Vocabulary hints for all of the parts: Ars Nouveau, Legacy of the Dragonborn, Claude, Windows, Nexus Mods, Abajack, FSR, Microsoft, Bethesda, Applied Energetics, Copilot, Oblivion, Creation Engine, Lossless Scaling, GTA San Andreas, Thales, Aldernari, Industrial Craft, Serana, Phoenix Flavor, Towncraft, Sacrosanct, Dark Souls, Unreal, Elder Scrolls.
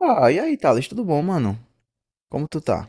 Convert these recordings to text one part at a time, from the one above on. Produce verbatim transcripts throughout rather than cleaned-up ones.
Ah, e aí, Thales, tudo bom, mano? Como tu tá?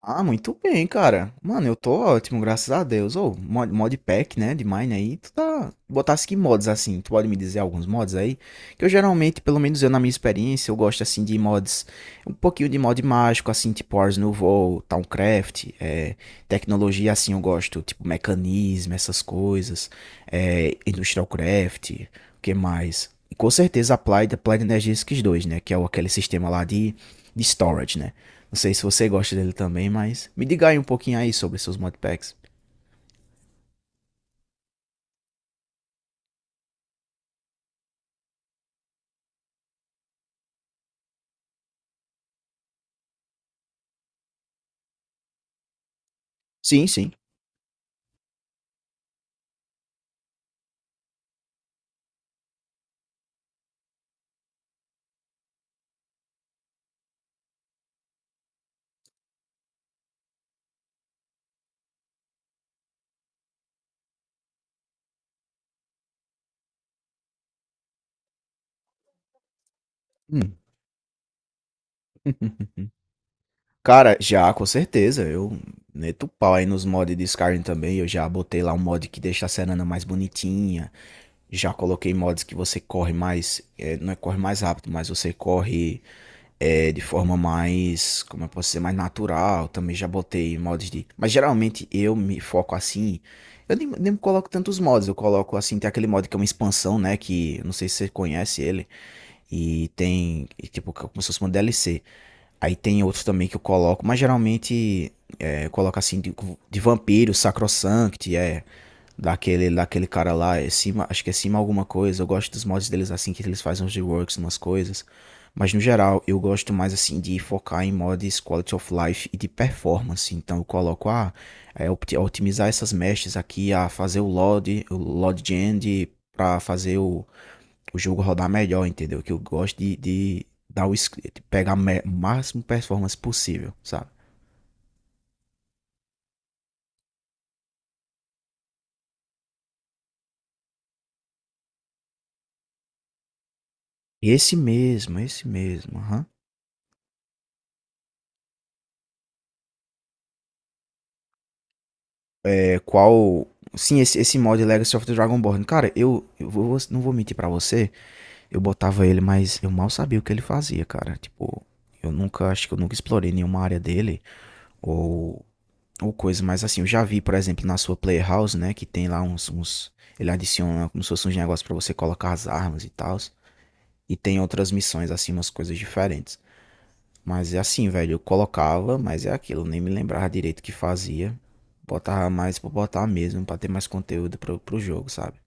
Ah, muito bem, cara. Mano, eu tô ótimo, graças a Deus. Ou mod, modpack, né, de Mine aí. Tu tá... Botasse que mods, assim? Tu pode me dizer alguns mods aí? Eu geralmente, pelo menos eu na minha experiência, eu gosto assim de mods, um pouquinho de mod mágico, assim, tipo Ars Nouveau, Towncraft, é, tecnologia assim eu gosto, tipo mecanismo, essas coisas, é, Industrial Craft, o que mais? E com certeza Applied, Applied Energetics dois, né, que é o- aquele sistema lá de, de storage, né? Não sei se você gosta dele também, mas me diga aí um pouquinho aí sobre seus modpacks. Sim, sim. Hum. Cara, já, com certeza. Eu meto o pau aí nos mods de Skyrim também. Eu já botei lá um mod que deixa a Serana mais bonitinha. Já coloquei mods que você corre mais. É, não é corre mais rápido, mas você corre é, de forma mais. Como eu posso dizer? Mais natural. Também já botei mods de. Mas geralmente eu me foco assim. Eu nem, nem coloco tantos mods. Eu coloco assim. Tem aquele mod que é uma expansão, né? Que eu não sei se você conhece ele. E tem, e, tipo, como se fosse uma D L C. Aí tem outros também que eu coloco, mas geralmente é, eu coloco assim de, de vampiro, sacrosanct, é daquele, daquele cara lá, é cima, acho que é cima alguma coisa. Eu gosto dos mods deles assim, que eles fazem uns reworks, umas coisas. Mas no geral, eu gosto mais assim de focar em mods quality of life e de performance. Então eu coloco ah, é, opt- otimizar essas meshes aqui, a fazer o load, o load gen para fazer o o jogo rodar melhor, entendeu? Que eu gosto de, de dar o es- de pegar o máximo performance possível, sabe? Esse mesmo, esse mesmo, aham. Uhum. É, qual. Sim, esse, esse mod Legacy of the Dragonborn. Cara, eu, eu vou- vou- não vou mentir pra você. Eu botava ele, mas eu mal sabia o que ele fazia, cara. Tipo, eu nunca, acho que eu nunca explorei nenhuma área dele. Ou, ou coisa, mas assim, eu já vi, por exemplo, na sua Playhouse, né? Que tem lá uns. Uns ele adiciona como se fosse uns negócios pra você colocar as armas e tal. E tem outras missões, assim, umas coisas diferentes. Mas é assim, velho, eu colocava, mas é aquilo, eu nem me lembrava direito o que fazia. Botava mais pra botar mesmo, pra ter mais conteúdo pro, pro jogo, sabe?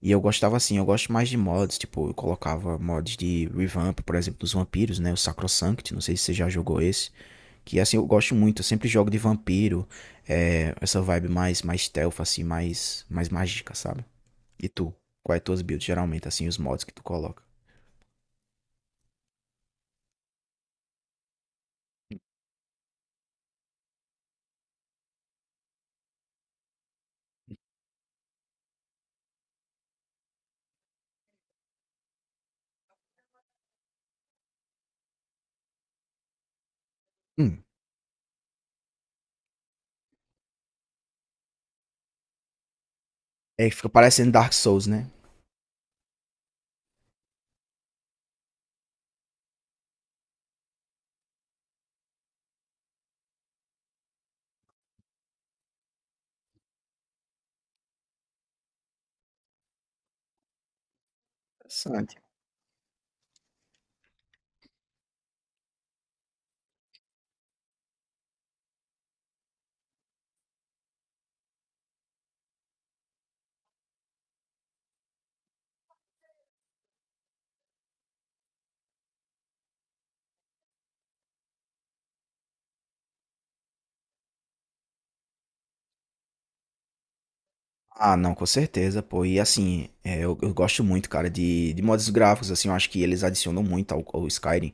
E eu gostava assim, eu gosto mais de mods, tipo, eu colocava mods de revamp, por exemplo, dos vampiros, né? O Sacrosanct, não sei se você já jogou esse. Que assim, eu gosto muito, eu sempre jogo de vampiro, é, essa vibe mais, mais stealth, assim, mais, mais mágica, sabe? E tu? Quais tuas builds, geralmente, assim, os mods que tu coloca? Hum, É, fica parecendo Dark Souls, né? Interessante. Ah, não, com certeza, pô. E assim, é, eu, eu gosto muito, cara, de, de modos gráficos, assim, eu acho que eles adicionam muito ao, ao Skyrim.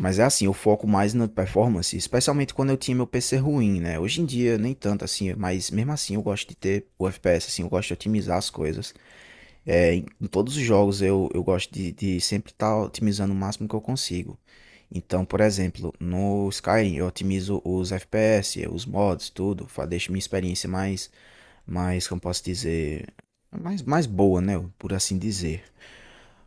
Mas é assim, eu foco mais na performance, especialmente quando eu tinha meu P C ruim, né? Hoje em dia, nem tanto assim, mas mesmo assim eu gosto de ter o F P S, assim, eu gosto de otimizar as coisas. É, em, em todos os jogos eu, eu gosto de, de sempre estar otimizando o máximo que eu consigo. Então, por exemplo, no Skyrim eu otimizo os F P S, os mods, tudo, fa- deixo minha experiência mais, mais, como posso dizer, mais, mais boa, né, por assim dizer.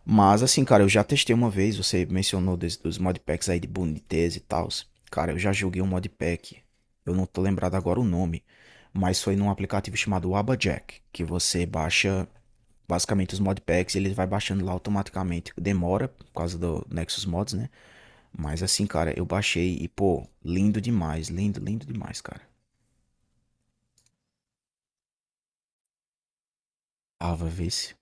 Mas assim, cara, eu já testei uma vez, você mencionou des, dos modpacks aí de boniteza e tal. Cara, eu já joguei um modpack, eu não tô lembrado agora o nome, mas foi num aplicativo chamado Abajack, que você baixa. Basicamente, os modpacks ele vai baixando lá automaticamente. Demora por causa do Nexus Mods, né? Mas assim, cara, eu baixei e, pô, lindo demais, lindo, lindo demais, cara. Ava, vê se.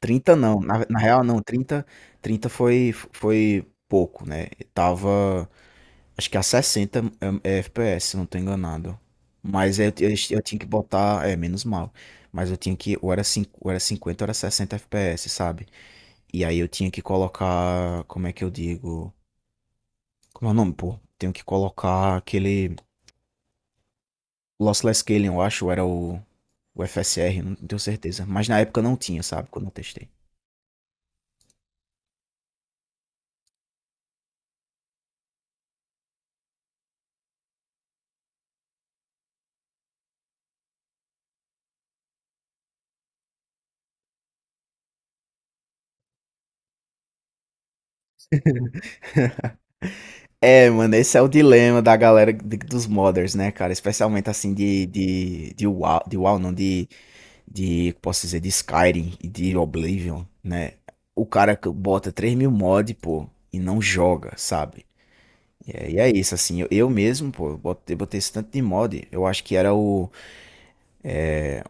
trinta não, na, na real não, trinta trinta foi, foi pouco, né? Tava, acho que a sessenta é, é F P S, se não tô enganado. Mas eu, eu, eu tinha que botar, é, menos mal. Mas eu tinha que, ou era, cinco ou era cinquenta ou era sessenta F P S, sabe? E aí eu tinha que colocar, como é que eu digo? Como é o nome, pô? Tenho que colocar aquele Lossless Scaling, eu acho, ou era o, o F S R, não tenho certeza. Mas na época não tinha, sabe? Quando eu testei. É, mano, esse é o dilema da galera de- dos modders, né, cara? Especialmente assim de, de, de WoW, de WoW, não, de, de, posso dizer, de Skyrim e de Oblivion, né? O cara que bota três mil mods pô, e não joga, sabe? E é, e é isso, assim, eu, eu mesmo, pô, eu botei, botei esse tanto de mod, eu acho que era o.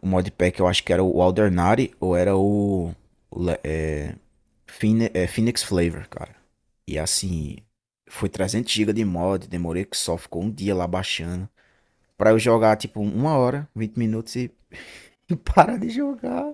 O modpack eu acho que era o Aldernari ou era o, o é, Phine- é, Phoenix Flavor, cara. E assim, foi trezentos gigabytes de mod, demorei que só ficou um dia lá baixando. Pra eu jogar tipo uma hora, vinte minutos e, e parar de jogar.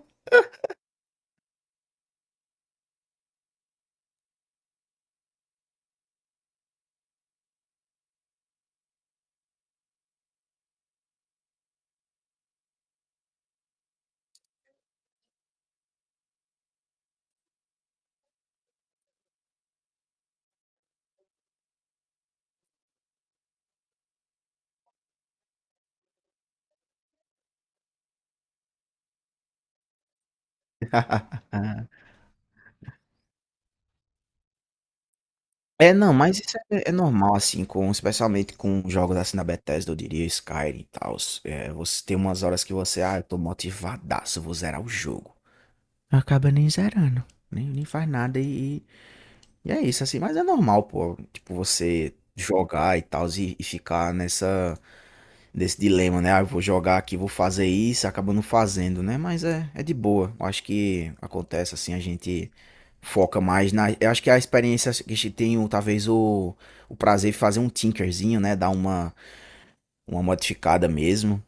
É, não, mas isso é, é normal, assim, com, especialmente com jogos assim da Bethesda, eu diria Skyrim e tal. É, você tem umas horas que você, ah, eu tô motivadaço, eu vou zerar o jogo. Acaba nem zerando, nem, nem faz nada e. E é isso, assim, mas é normal, pô, tipo, você jogar e tal, e, e ficar nessa, nesse dilema, né? Ah, eu vou jogar aqui, vou fazer isso, acaba não fazendo, né? Mas é, é de boa. Eu acho que acontece, assim, a gente foca mais na. Eu acho que a experiência que a gente tem, o- talvez, o, o prazer de fazer um tinkerzinho, né? Dar uma, uma modificada mesmo.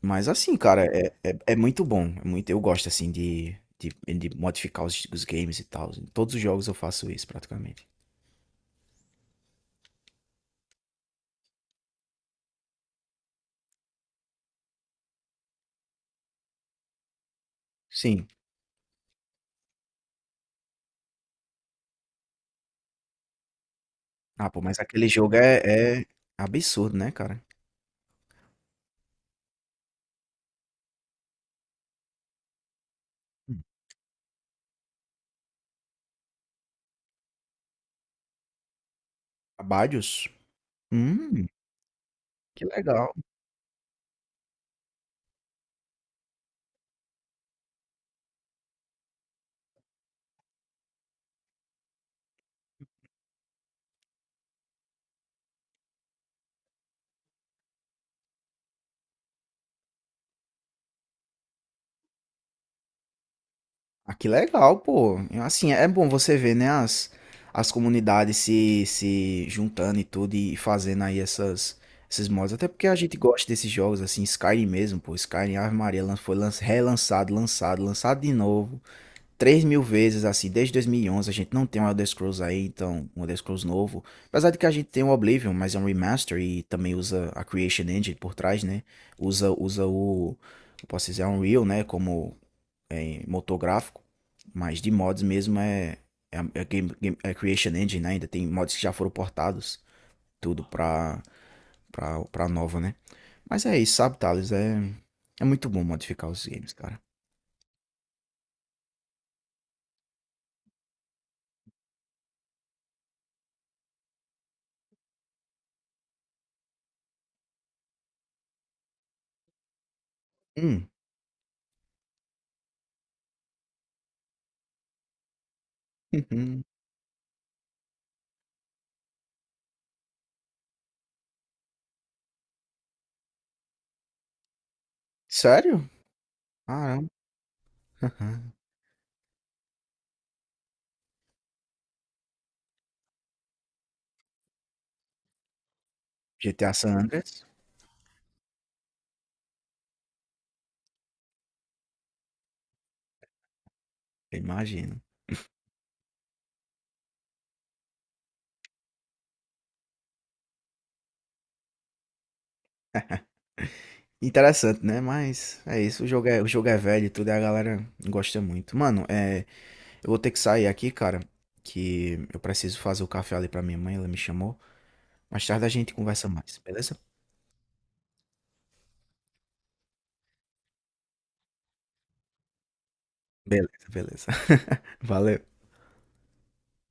Mas assim, cara, é, é, é muito bom. É muito, eu gosto, assim, de, de, de modificar os, os games e tal. Em todos os jogos eu faço isso, praticamente. Sim. Ah, pô, mas aquele jogo é é absurdo, né, cara? Hum. Abadios? Hum, que legal. Ah, que legal, pô. Eu, assim, é bom você ver, né, as, as comunidades se, se juntando e tudo e fazendo aí essas, esses mods. Até porque a gente gosta desses jogos, assim, Skyrim mesmo, pô. Skyrim, Ave Maria, lan- foi lan- relançado, lançado, lançado de novo. Três mil vezes, assim, desde dois mil e onze a gente não tem um Elder Scrolls aí, então um Elder Scrolls novo. Apesar de que a gente tem o Oblivion, mas é um remaster e também usa a Creation Engine por trás, né? Usa, usa o, eu posso dizer, Unreal, né? Como é, motor gráfico, mas de mods mesmo é, é, é game, Game- é Creation Engine, né? Ainda tem mods que já foram portados, tudo pra, pra, pra nova, né? Mas é isso, sabe, Thales? É, é muito bom modificar os games, cara. Hum. Sério? Caramba. G T A San Andreas, eu imagino. Interessante, né? Mas é isso, o jogo é, o jogo é velho e tudo, e a galera gosta muito. Mano, é, eu vou ter que sair aqui, cara, que eu preciso fazer o café ali pra minha mãe, ela me chamou. Mais tarde a gente conversa mais, beleza? Beleza, beleza. Valeu.